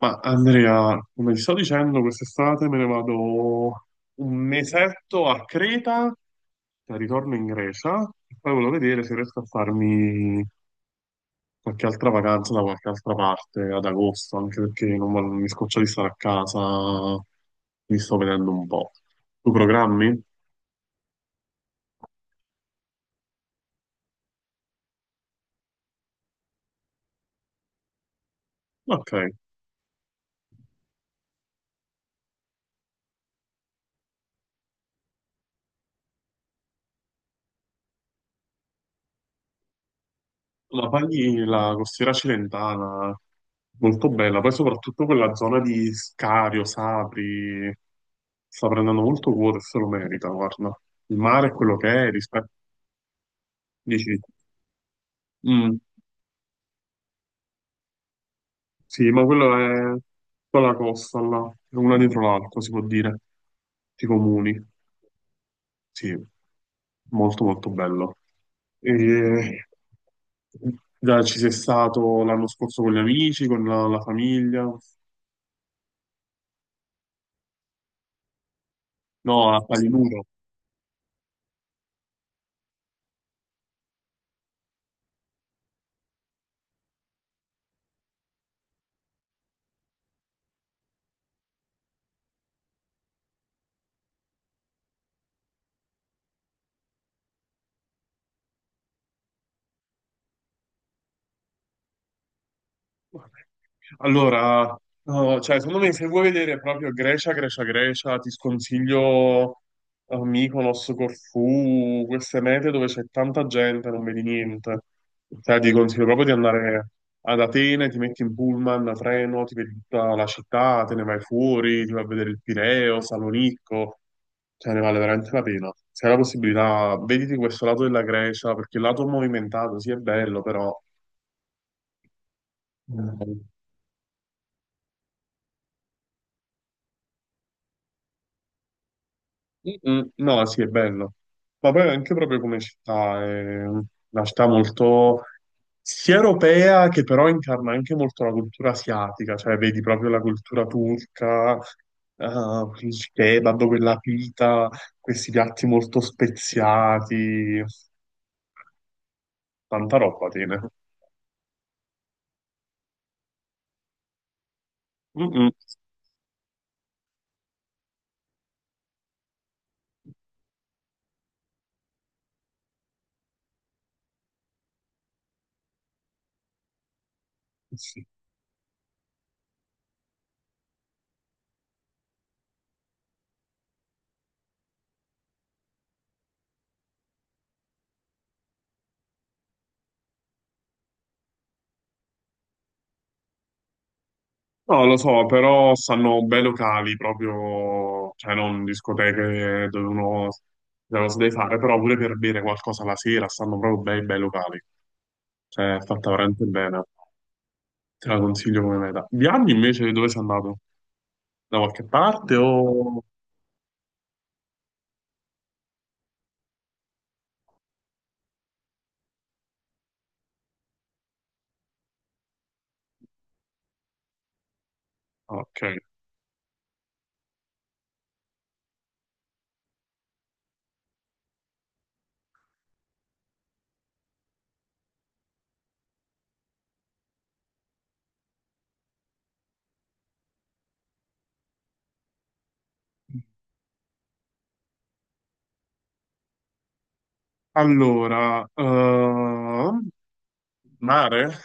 Ma Andrea, come ti sto dicendo, quest'estate me ne vado un mesetto a Creta, poi ritorno in Grecia e poi volevo vedere se riesco a farmi qualche altra vacanza da qualche altra parte ad agosto, anche perché non vo- mi scoccio di stare a casa, mi sto vedendo un po'. Tu programmi? Ok. La paghi la costiera cilentana, molto bella, poi soprattutto quella zona di Scario, Sapri, sta prendendo molto quota e se lo merita, guarda. Il mare è quello che è, rispetto... Dici, mm, sì, ma quello è tutta la costa, là. È una dietro l'altra, si può dire, i comuni. Sì, molto molto bello. E... Già ci sei stato l'anno scorso con gli amici, con la famiglia. No, a Palinuro. Allora, no, cioè, secondo me se vuoi vedere proprio Grecia, Grecia, Grecia, ti sconsiglio Mykonos, Corfù, queste mete dove c'è tanta gente, non vedi niente. Cioè, ti consiglio proprio di andare ad Atene, ti metti in pullman, a treno, ti vedi tutta la città, te ne vai fuori, ti vai a vedere il Pireo, Salonicco, cioè ne vale veramente la pena. Se hai la possibilità, vediti questo lato della Grecia, perché il lato movimentato sì è bello, però... Mm, no, sì, è bello. Ma poi anche proprio come città, è una città molto sia europea che però incarna anche molto la cultura asiatica, cioè vedi proprio la cultura turca, eh, il kebab, quella pita, questi piatti molto speziati, tanta roba tiene. Mm, mm. Sì. No, lo so, però stanno bei locali proprio, cioè non discoteche dove uno dove si deve fare, però pure per bere qualcosa la sera stanno proprio bei bei locali. Cioè, è fatta veramente bene. Te la consiglio come meta. Viaggi invece dove sei andato? Da qualche parte o... Ok. Allora, mare?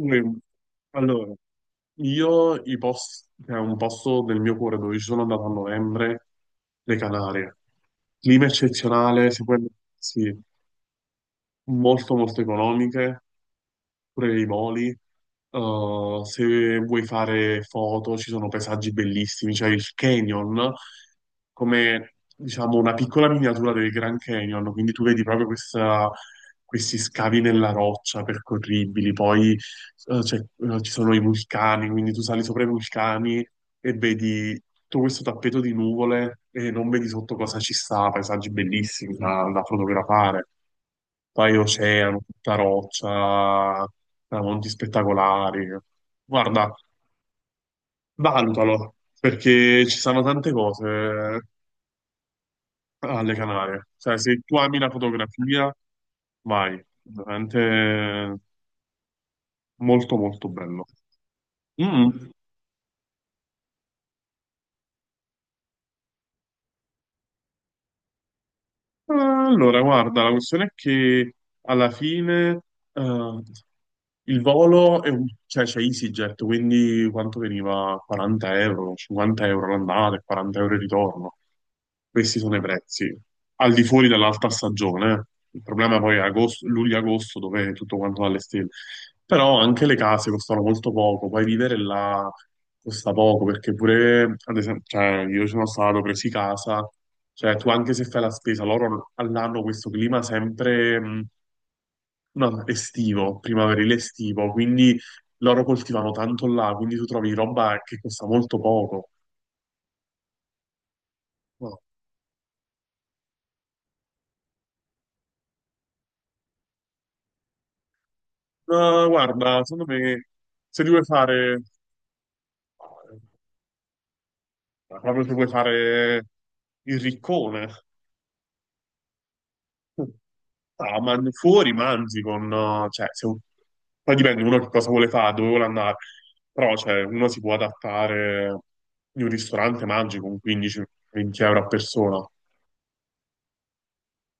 Mm. Allora, io i posti, è un posto del mio cuore dove ci sono andato a novembre, le Canarie. Clima eccezionale, si può, sì, molto molto economiche, pure i voli. Se vuoi fare foto, ci sono paesaggi bellissimi, c'è il canyon, come diciamo una piccola miniatura del Grand Canyon, quindi tu vedi proprio questa- questi scavi nella roccia percorribili, poi ci sono i vulcani, quindi tu sali sopra i vulcani e vedi tutto questo tappeto di nuvole e non vedi sotto cosa ci sta, paesaggi bellissimi da fotografare, poi oceano, tutta roccia, monti spettacolari. Guarda, valutalo, perché ci sono tante cose alle Canarie. Cioè, se tu ami la fotografia, vai, veramente molto molto bello. Mm. Allora, guarda, la questione è che alla fine eh, il volo è un... cioè c'è EasyJet, quindi quanto veniva? 40€, 50€ l'andata e 40€ il ritorno. Questi sono i prezzi, al di fuori dell'alta stagione. Eh. Il problema poi è agosto, luglio-agosto, dove è tutto quanto va alle stelle. Però anche le case costano molto poco, poi vivere là costa poco, perché pure, ad esempio, cioè, io sono stato presi casa. Cioè, tu anche se fai la spesa, loro all'anno questo clima sempre no, estivo, primaverile estivo, quindi loro coltivano tanto là, quindi tu trovi roba che costa molto poco. No. No, guarda, secondo me, se ti vuoi fare, proprio se vuoi fare il riccone, fuori mangi con... cioè, se... Poi dipende uno che cosa vuole fare, dove vuole andare. Però, cioè, uno si può adattare in un ristorante, mangi con 15-20€ a persona.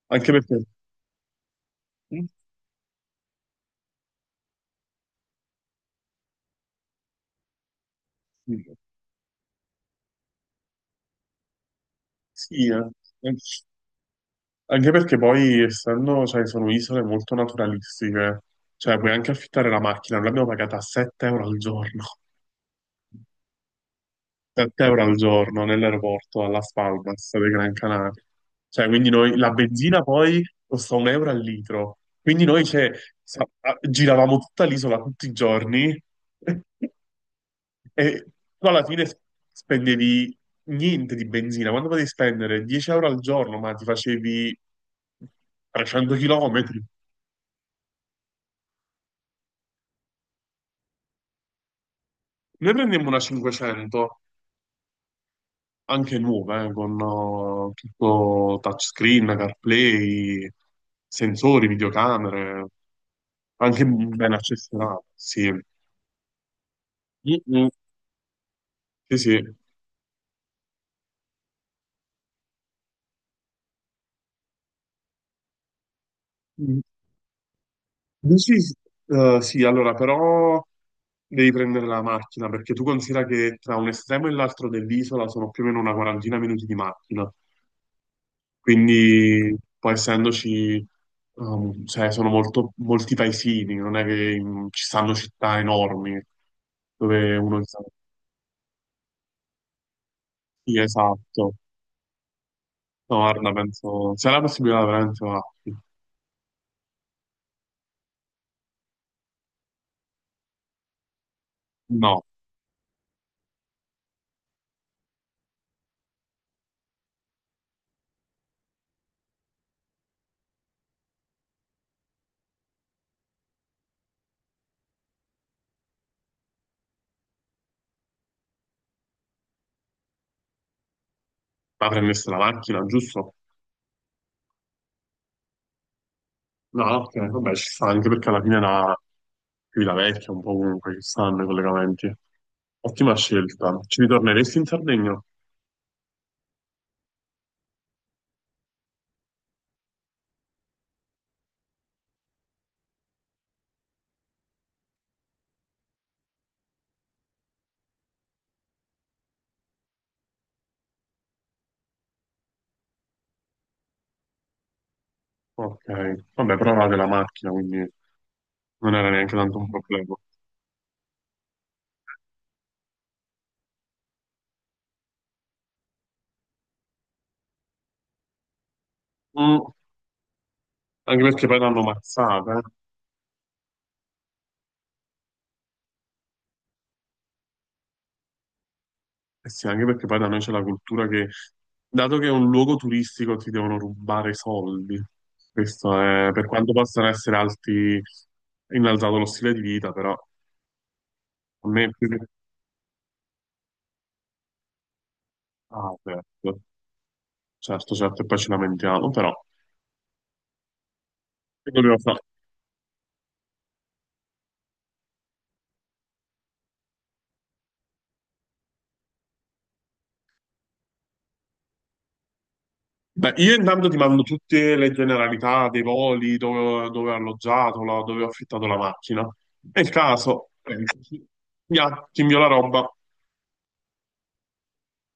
Anche perché... Sì, eh. Anche perché poi, essendo, cioè, sono isole molto naturalistiche, cioè, puoi anche affittare la macchina. Noi l'abbiamo pagata a 7€ al giorno. 7€ al giorno nell'aeroporto a Las Palmas dei Gran Canaria. Cioè, quindi noi la benzina poi costa un euro al litro. Quindi noi cioè, giravamo tutta l'isola tutti i giorni e tu alla fine s- spendevi niente di benzina. Quando potevi spendere 10€ al giorno, ma ti facevi 300 chilometri. Noi prendemmo una 500 anche nuove, con tutto touchscreen, CarPlay, sensori, videocamere, anche ben accessionato, sì. Mm-mm. Sì, sì. Mm. Dici, sì, allora, però devi prendere la macchina, perché tu considera che tra un estremo e l'altro dell'isola sono più o meno una quarantina minuti di macchina. Quindi, poi essendoci, cioè, sono molto, molti paesini, non è che ci stanno città enormi dove uno sa. Sì, esatto. No, guarda, penso, se hai la possibilità veramente va. No, ma prendersi la macchina, giusto? No, ok, vabbè, ci sta anche perché alla fine la qui la vecchia, un po' comunque ci stanno i collegamenti. Ottima scelta. Ci ritorneresti in Sardegna? Ok, vabbè, però avevate la macchina, quindi non era neanche tanto un problema. Mm, anche perché poi l'hanno mazzata, eh. Eh sì, anche perché poi da noi c'è la cultura che, dato che è un luogo turistico, ti devono rubare i soldi. Questo è, per quanto possano essere alti, innalzato lo stile di vita, però a me è più che... Ah, certo, certo, certo, e poi ci lamentiamo, però... che dobbiamo fare? Beh, io intanto ti mando tutte le generalità dei voli, dove, dove ho alloggiato, dove ho affittato la macchina. Nel caso, pensaci. Ya, ti invio la roba.